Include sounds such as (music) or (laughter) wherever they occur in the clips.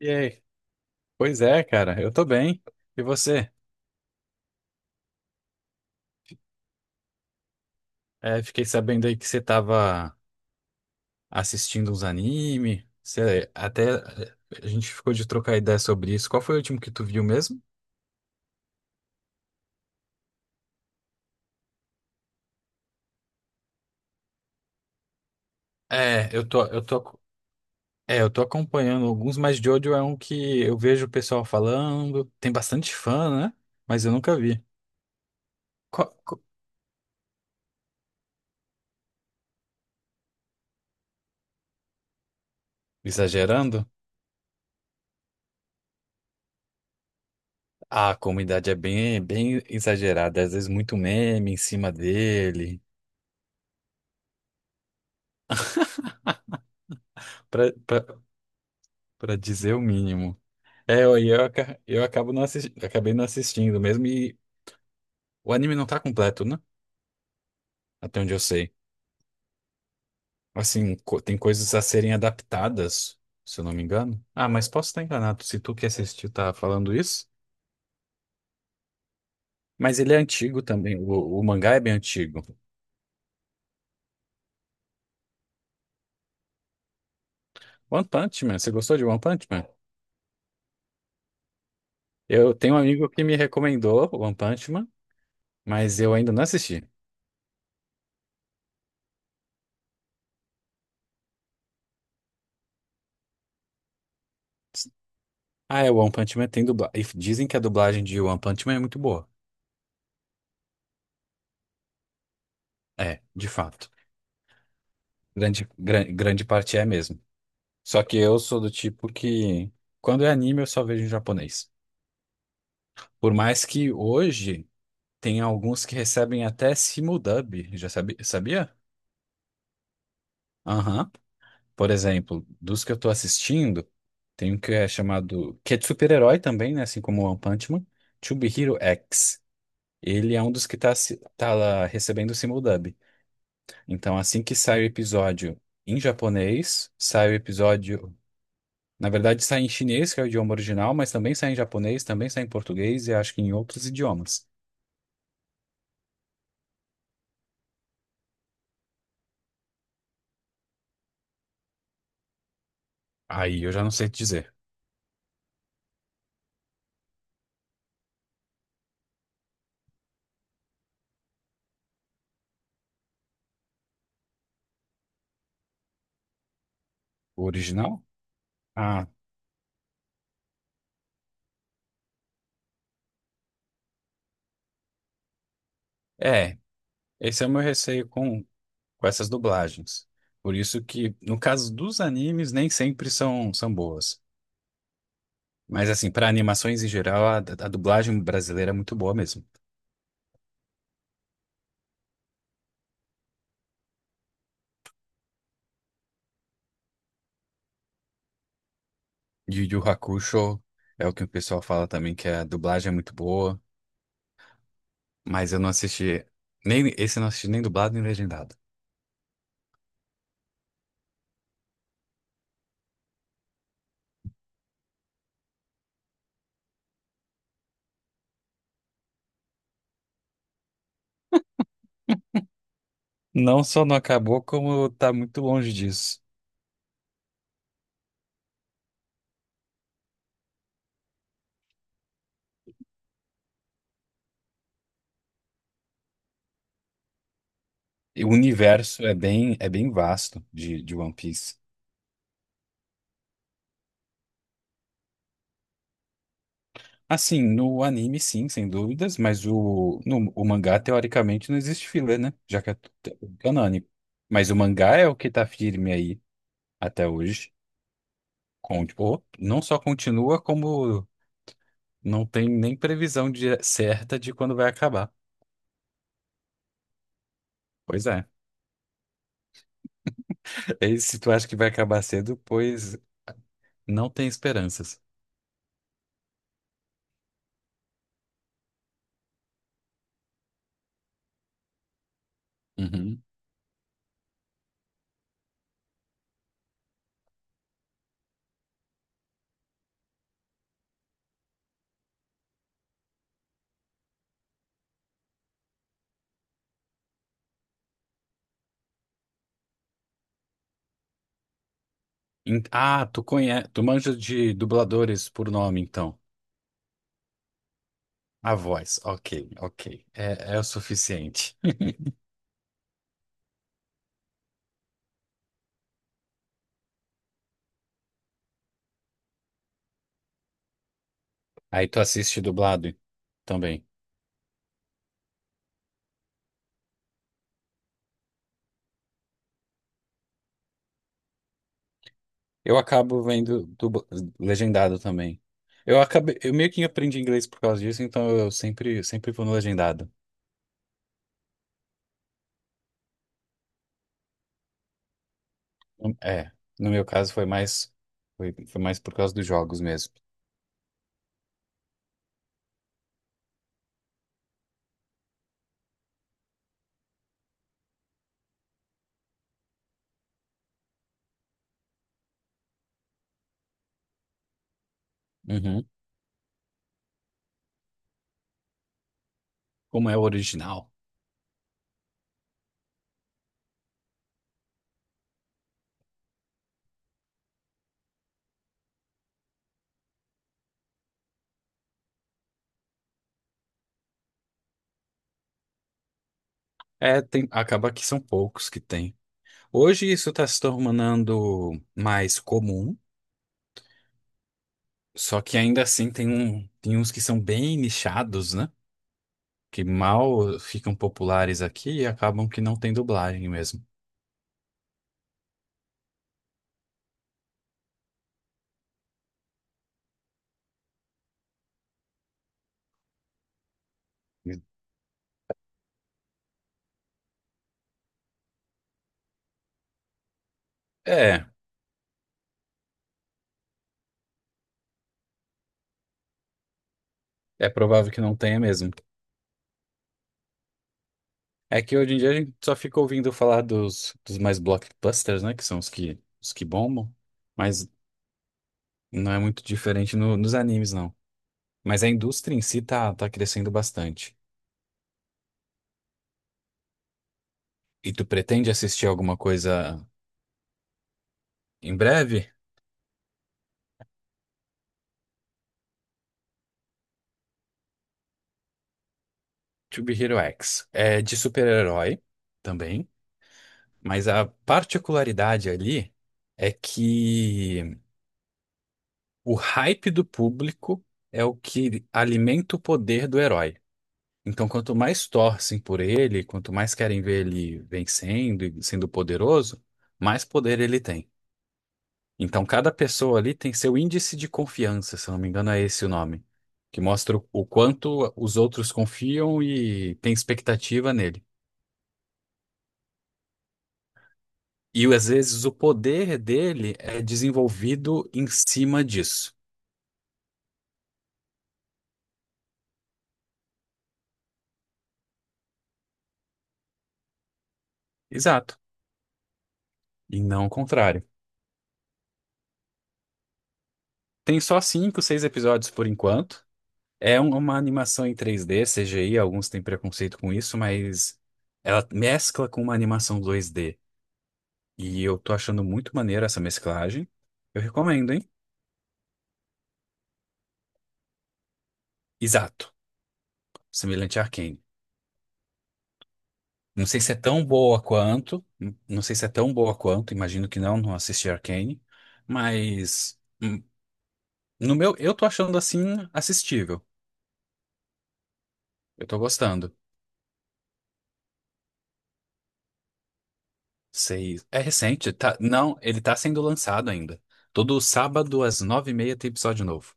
E aí? Pois é, cara, eu tô bem. E você? É, fiquei sabendo aí que você tava assistindo uns anime. Você até A gente ficou de trocar ideia sobre isso. Qual foi o último que tu viu mesmo? É, eu tô acompanhando alguns, mas Jojo é um que eu vejo o pessoal falando. Tem bastante fã, né? Mas eu nunca vi. Co- co- Exagerando? Ah, a comunidade é bem, bem exagerada, às vezes muito meme em cima dele, (laughs) pra, pra, pra dizer o mínimo. É, eu, aca- eu acabo não assis- acabei não assistindo mesmo e o anime não tá completo, né? Até onde eu sei. Assim, tem coisas a serem adaptadas, se eu não me engano. Ah, mas posso estar enganado, se tu que assistiu tá falando isso. Mas ele é antigo também, o mangá é bem antigo. One Punch Man, você gostou de One Punch Man? Eu tenho um amigo que me recomendou One Punch Man, mas eu ainda não assisti. Ah, é, One Punch Man tem dublagem. Dizem que a dublagem de One Punch Man é muito boa. É, de fato. Grande parte é mesmo. Só que eu sou do tipo que, quando é anime, eu só vejo em japonês. Por mais que hoje tem alguns que recebem até simuldub, já sabe, sabia? Aham. Por exemplo, dos que eu tô assistindo, tem um que é chamado, que é de super-herói também, né? Assim como o One Punch Man, To Be Hero X. Ele é um dos que tá, tá lá recebendo simuldub. Então, assim que sai o episódio em japonês, sai o episódio. Na verdade, sai em chinês, que é o idioma original, mas também sai em japonês, também sai em português e acho que em outros idiomas. Aí eu já não sei te dizer. O original? Ah, é. Esse é o meu receio com essas dublagens. Por isso que, no caso dos animes, nem sempre são boas. Mas, assim, para animações em geral, a dublagem brasileira é muito boa mesmo. Yu Yu Hakusho é o que o pessoal fala também, que a dublagem é muito boa, mas eu não assisti. Nem, esse eu não assisti nem dublado nem legendado. Não só não acabou, como tá muito longe disso. E o universo é bem vasto de One Piece. Assim, no anime, sim, sem dúvidas, mas o, no, o mangá, teoricamente, não existe filler, né? Já que é canônico. Mas o mangá é o que tá firme aí até hoje. Com, ou não só continua, como não tem nem previsão certa de quando vai acabar. Pois é. (laughs) E se tu acha que vai acabar cedo, pois não tem esperanças. Uhum. Ah, tu manja de dubladores por nome, então. A voz, ok, ok. é, o suficiente. (laughs) Aí tu assiste dublado também. Eu acabo vendo legendado também. Eu acabei, eu meio que aprendi inglês por causa disso, então eu sempre, sempre vou no legendado. É, no meu caso foi mais por causa dos jogos mesmo. Uhum. Como é o original. É, tem, acaba que são poucos que tem. Hoje isso está se tornando mais comum. Só que ainda assim tem uns que são bem nichados, né? Que mal ficam populares aqui e acabam que não tem dublagem mesmo. É, é provável que não tenha mesmo. É que hoje em dia a gente só fica ouvindo falar dos mais blockbusters, né? Que são os que bombam. Mas não é muito diferente nos animes, não. Mas a indústria em si tá crescendo bastante. E tu pretende assistir alguma coisa em breve? To Be Hero X. É de super-herói também. Mas a particularidade ali é que o hype do público é o que alimenta o poder do herói. Então, quanto mais torcem por ele, quanto mais querem ver ele vencendo e sendo poderoso, mais poder ele tem. Então, cada pessoa ali tem seu índice de confiança, se eu não me engano, é esse o nome, que mostra o quanto os outros confiam e têm expectativa nele. E às vezes o poder dele é desenvolvido em cima disso. Exato. E não o contrário. Tem só cinco, seis episódios por enquanto. Uma animação em 3D CGI, alguns têm preconceito com isso, mas ela mescla com uma animação 2D. E eu tô achando muito maneira essa mesclagem. Eu recomendo, hein? Exato. Semelhante a Arcane. Não sei se é tão boa quanto. Não sei se é tão boa quanto, imagino que não, não assisti Arcane. Mas no meu, eu tô achando assim assistível. Eu tô gostando. Seis. É recente. Tá. Não, ele tá sendo lançado ainda. Todo sábado às 9h30 tem episódio novo.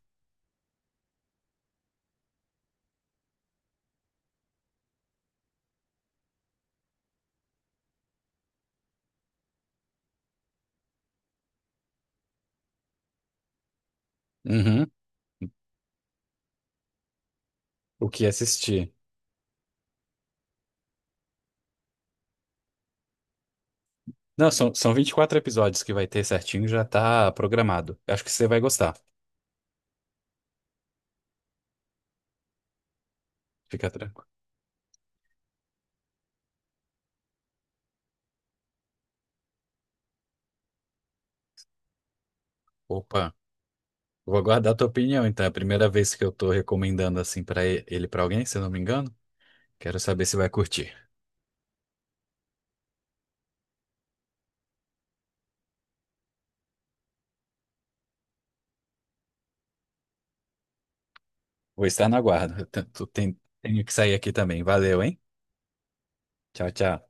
Uhum. O que assistir? Não, são, são 24 episódios que vai ter certinho, já tá programado. Acho que você vai gostar. Fica tranquilo. Opa, vou aguardar a tua opinião, então. É a primeira vez que eu tô recomendando assim pra ele pra alguém, se eu não me engano. Quero saber se vai curtir. Vou estar na guarda. Eu te- tu tem- Tenho que sair aqui também. Valeu, hein? Tchau, tchau.